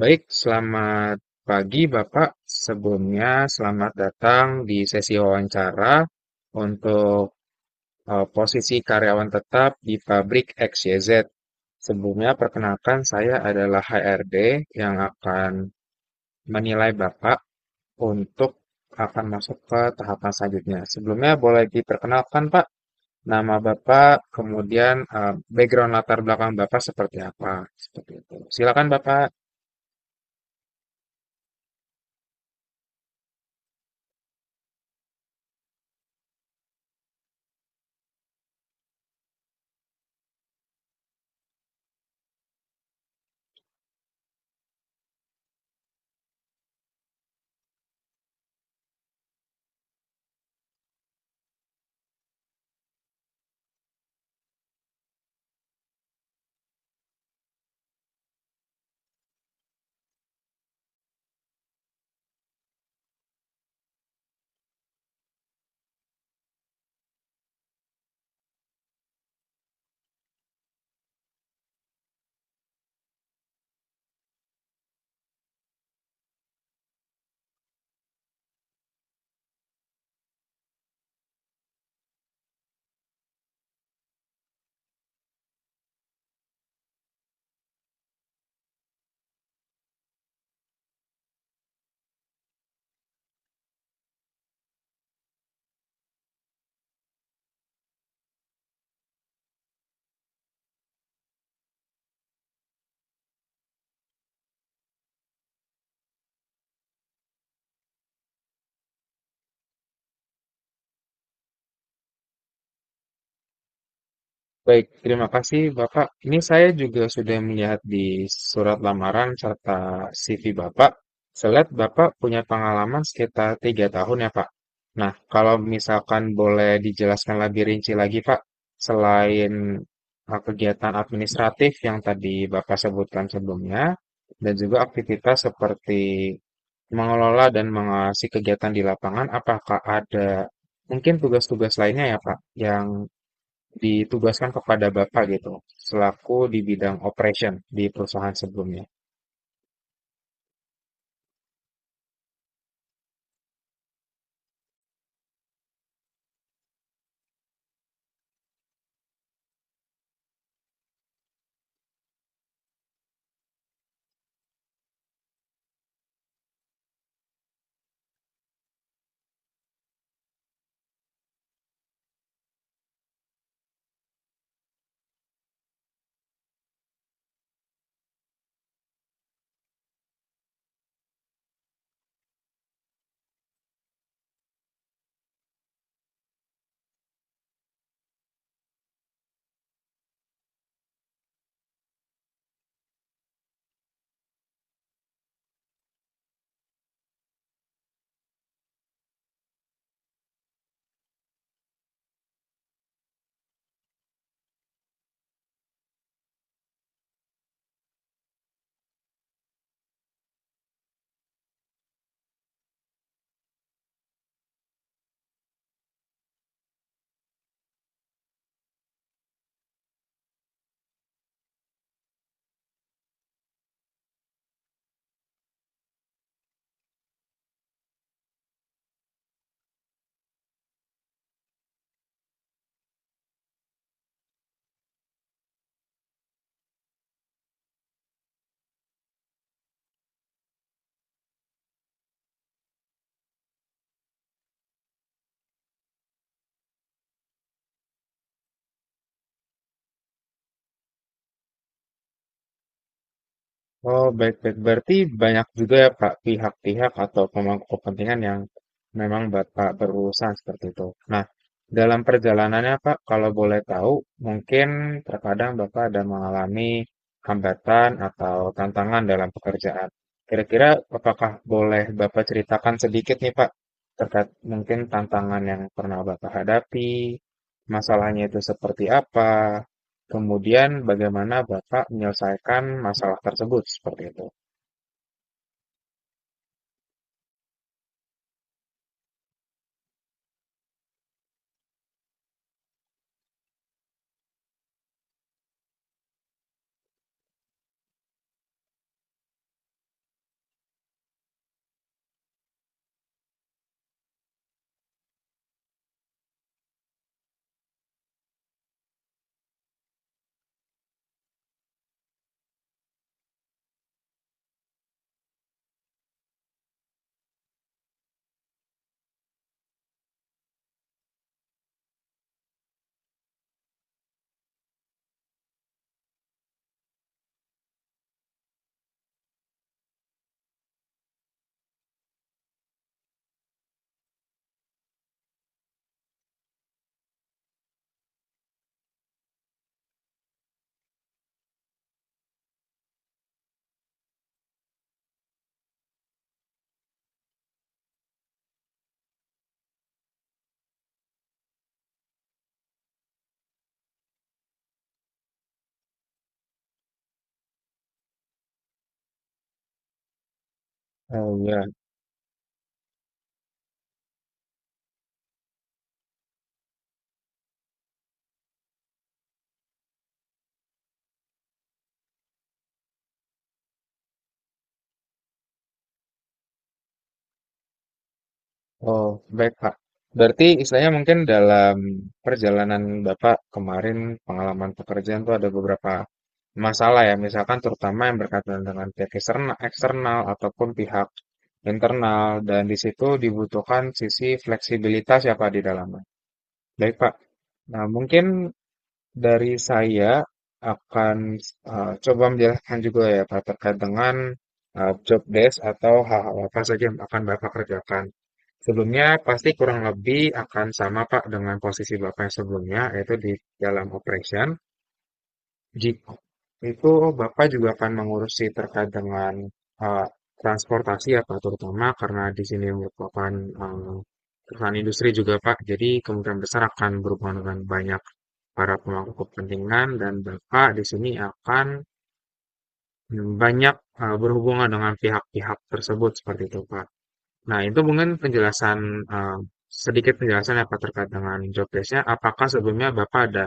Baik, selamat pagi Bapak. Sebelumnya selamat datang di sesi wawancara untuk posisi karyawan tetap di pabrik XYZ. Sebelumnya perkenalkan saya adalah HRD yang akan menilai Bapak untuk akan masuk ke tahapan selanjutnya. Sebelumnya boleh diperkenalkan Pak, nama Bapak, kemudian background latar belakang Bapak seperti apa? Seperti itu. Silakan Bapak. Baik, terima kasih Bapak. Ini saya juga sudah melihat di surat lamaran serta CV Bapak. Saya lihat Bapak punya pengalaman sekitar tiga tahun ya Pak. Nah, kalau misalkan boleh dijelaskan lebih rinci lagi Pak, selain kegiatan administratif yang tadi Bapak sebutkan sebelumnya, dan juga aktivitas seperti mengelola dan mengawasi kegiatan di lapangan, apakah ada mungkin tugas-tugas lainnya ya Pak, yang ditugaskan kepada Bapak gitu, selaku di bidang operation di perusahaan sebelumnya. Oh, baik-baik. Berarti banyak juga ya Pak pihak-pihak atau pemangku kepentingan yang memang Bapak berurusan seperti itu. Nah, dalam perjalanannya Pak, kalau boleh tahu, mungkin terkadang Bapak ada mengalami hambatan atau tantangan dalam pekerjaan. Kira-kira apakah boleh Bapak ceritakan sedikit nih Pak, terkait mungkin tantangan yang pernah Bapak hadapi, masalahnya itu seperti apa, kemudian bagaimana Bapak menyelesaikan masalah tersebut seperti itu? Oh ya, oh baik Pak. Berarti istilahnya mungkin dalam perjalanan Bapak kemarin pengalaman pekerjaan itu ada beberapa masalah ya, misalkan terutama yang berkaitan dengan pihak eksternal, eksternal ataupun pihak internal dan di situ dibutuhkan sisi fleksibilitas ya Pak di dalamnya. Baik Pak. Nah, mungkin dari saya akan coba menjelaskan juga ya Pak terkait dengan job desk atau hal-hal apa saja yang akan Bapak kerjakan. Sebelumnya pasti kurang lebih akan sama Pak dengan posisi Bapak yang sebelumnya yaitu di dalam operation. Gitu. Itu Bapak juga akan mengurusi terkait dengan eh, transportasi ya Pak, terutama karena di sini merupakan eh, perusahaan industri juga Pak, jadi kemungkinan besar akan berhubungan dengan banyak para pemangku kepentingan dan Bapak di sini akan banyak berhubungan dengan pihak-pihak tersebut seperti itu Pak. Nah, itu mungkin penjelasan eh, sedikit penjelasan apa terkait dengan job desk-nya. Apakah sebelumnya Bapak ada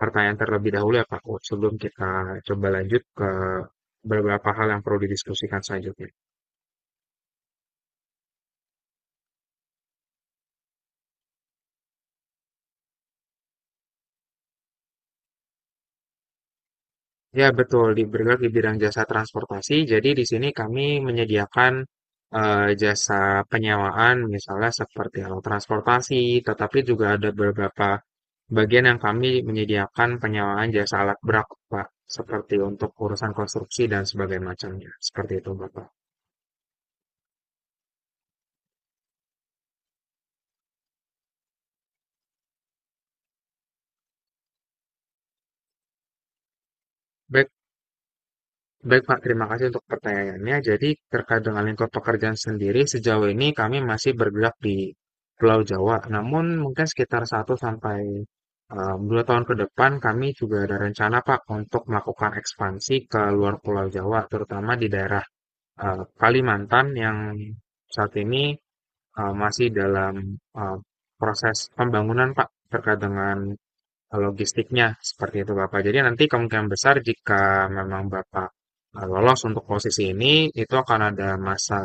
pertanyaan terlebih dahulu ya Pak, sebelum kita coba lanjut ke beberapa hal yang perlu didiskusikan selanjutnya? Ya, betul. Di bergerak di bidang jasa transportasi. Jadi di sini kami menyediakan jasa penyewaan, misalnya seperti alat transportasi, tetapi juga ada beberapa bagian yang kami menyediakan penyewaan jasa alat berat, Pak, seperti untuk urusan konstruksi dan sebagainya macamnya. Seperti itu, Bapak. Baik, Baik, Pak. Terima kasih untuk pertanyaannya. Jadi, terkait dengan lingkup pekerjaan sendiri, sejauh ini kami masih bergerak di Pulau Jawa. Namun, mungkin sekitar satu sampai 2 tahun ke depan, kami juga ada rencana, Pak, untuk melakukan ekspansi ke luar Pulau Jawa, terutama di daerah Kalimantan yang saat ini masih dalam eh, proses pembangunan, Pak, terkait dengan logistiknya seperti itu Bapak. Jadi nanti kemungkinan besar jika memang Bapak lolos untuk posisi ini, itu akan ada masa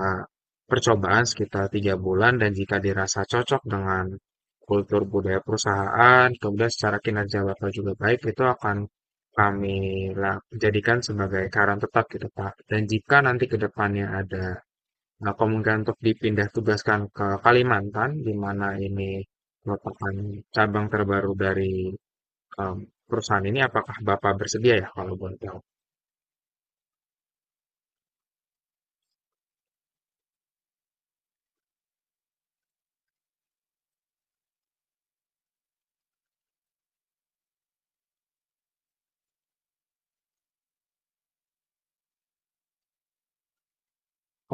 percobaan sekitar tiga bulan dan jika dirasa cocok dengan kultur budaya perusahaan, kemudian secara kinerja Bapak juga baik, itu akan kami jadikan sebagai karyawan tetap gitu Pak. Dan jika nanti ke depannya ada kemungkinan untuk dipindah tugaskan ke Kalimantan, di mana ini merupakan cabang terbaru dari em, perusahaan ini apakah Bapak bersedia ya kalau boleh tahu?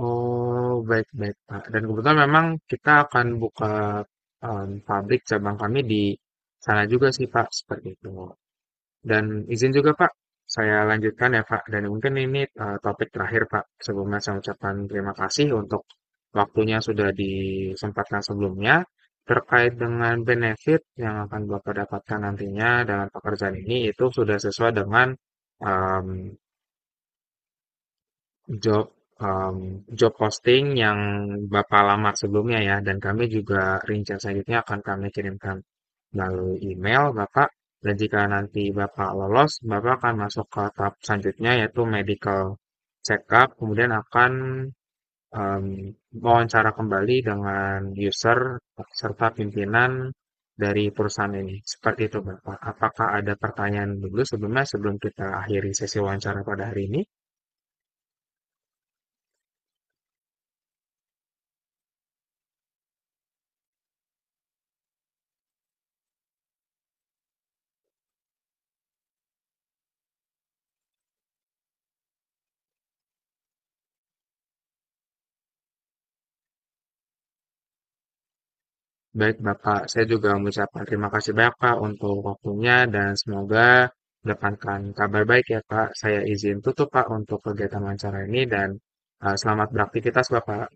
Oh, baik-baik, Pak. Dan kebetulan memang kita akan buka pabrik cabang kami di sana juga sih, Pak, seperti itu. Dan izin juga, Pak, saya lanjutkan ya, Pak. Dan mungkin ini topik terakhir, Pak. Sebelumnya saya ucapkan terima kasih untuk waktunya sudah disempatkan sebelumnya terkait dengan benefit yang akan Bapak dapatkan nantinya dalam pekerjaan ini itu sudah sesuai dengan job job posting yang Bapak lamar sebelumnya ya dan kami juga rincian selanjutnya akan kami kirimkan melalui email Bapak dan jika nanti Bapak lolos Bapak akan masuk ke tahap selanjutnya yaitu medical check up kemudian akan um, wawancara kembali dengan user serta pimpinan dari perusahaan ini seperti itu Bapak apakah ada pertanyaan dulu sebelumnya sebelum kita akhiri sesi wawancara pada hari ini. Baik, Bapak. Saya juga mengucapkan terima kasih banyak, Pak, untuk waktunya dan semoga mendatangkan kabar baik ya, Pak. Saya izin tutup, Pak, untuk kegiatan wawancara ini dan selamat beraktivitas, Bapak.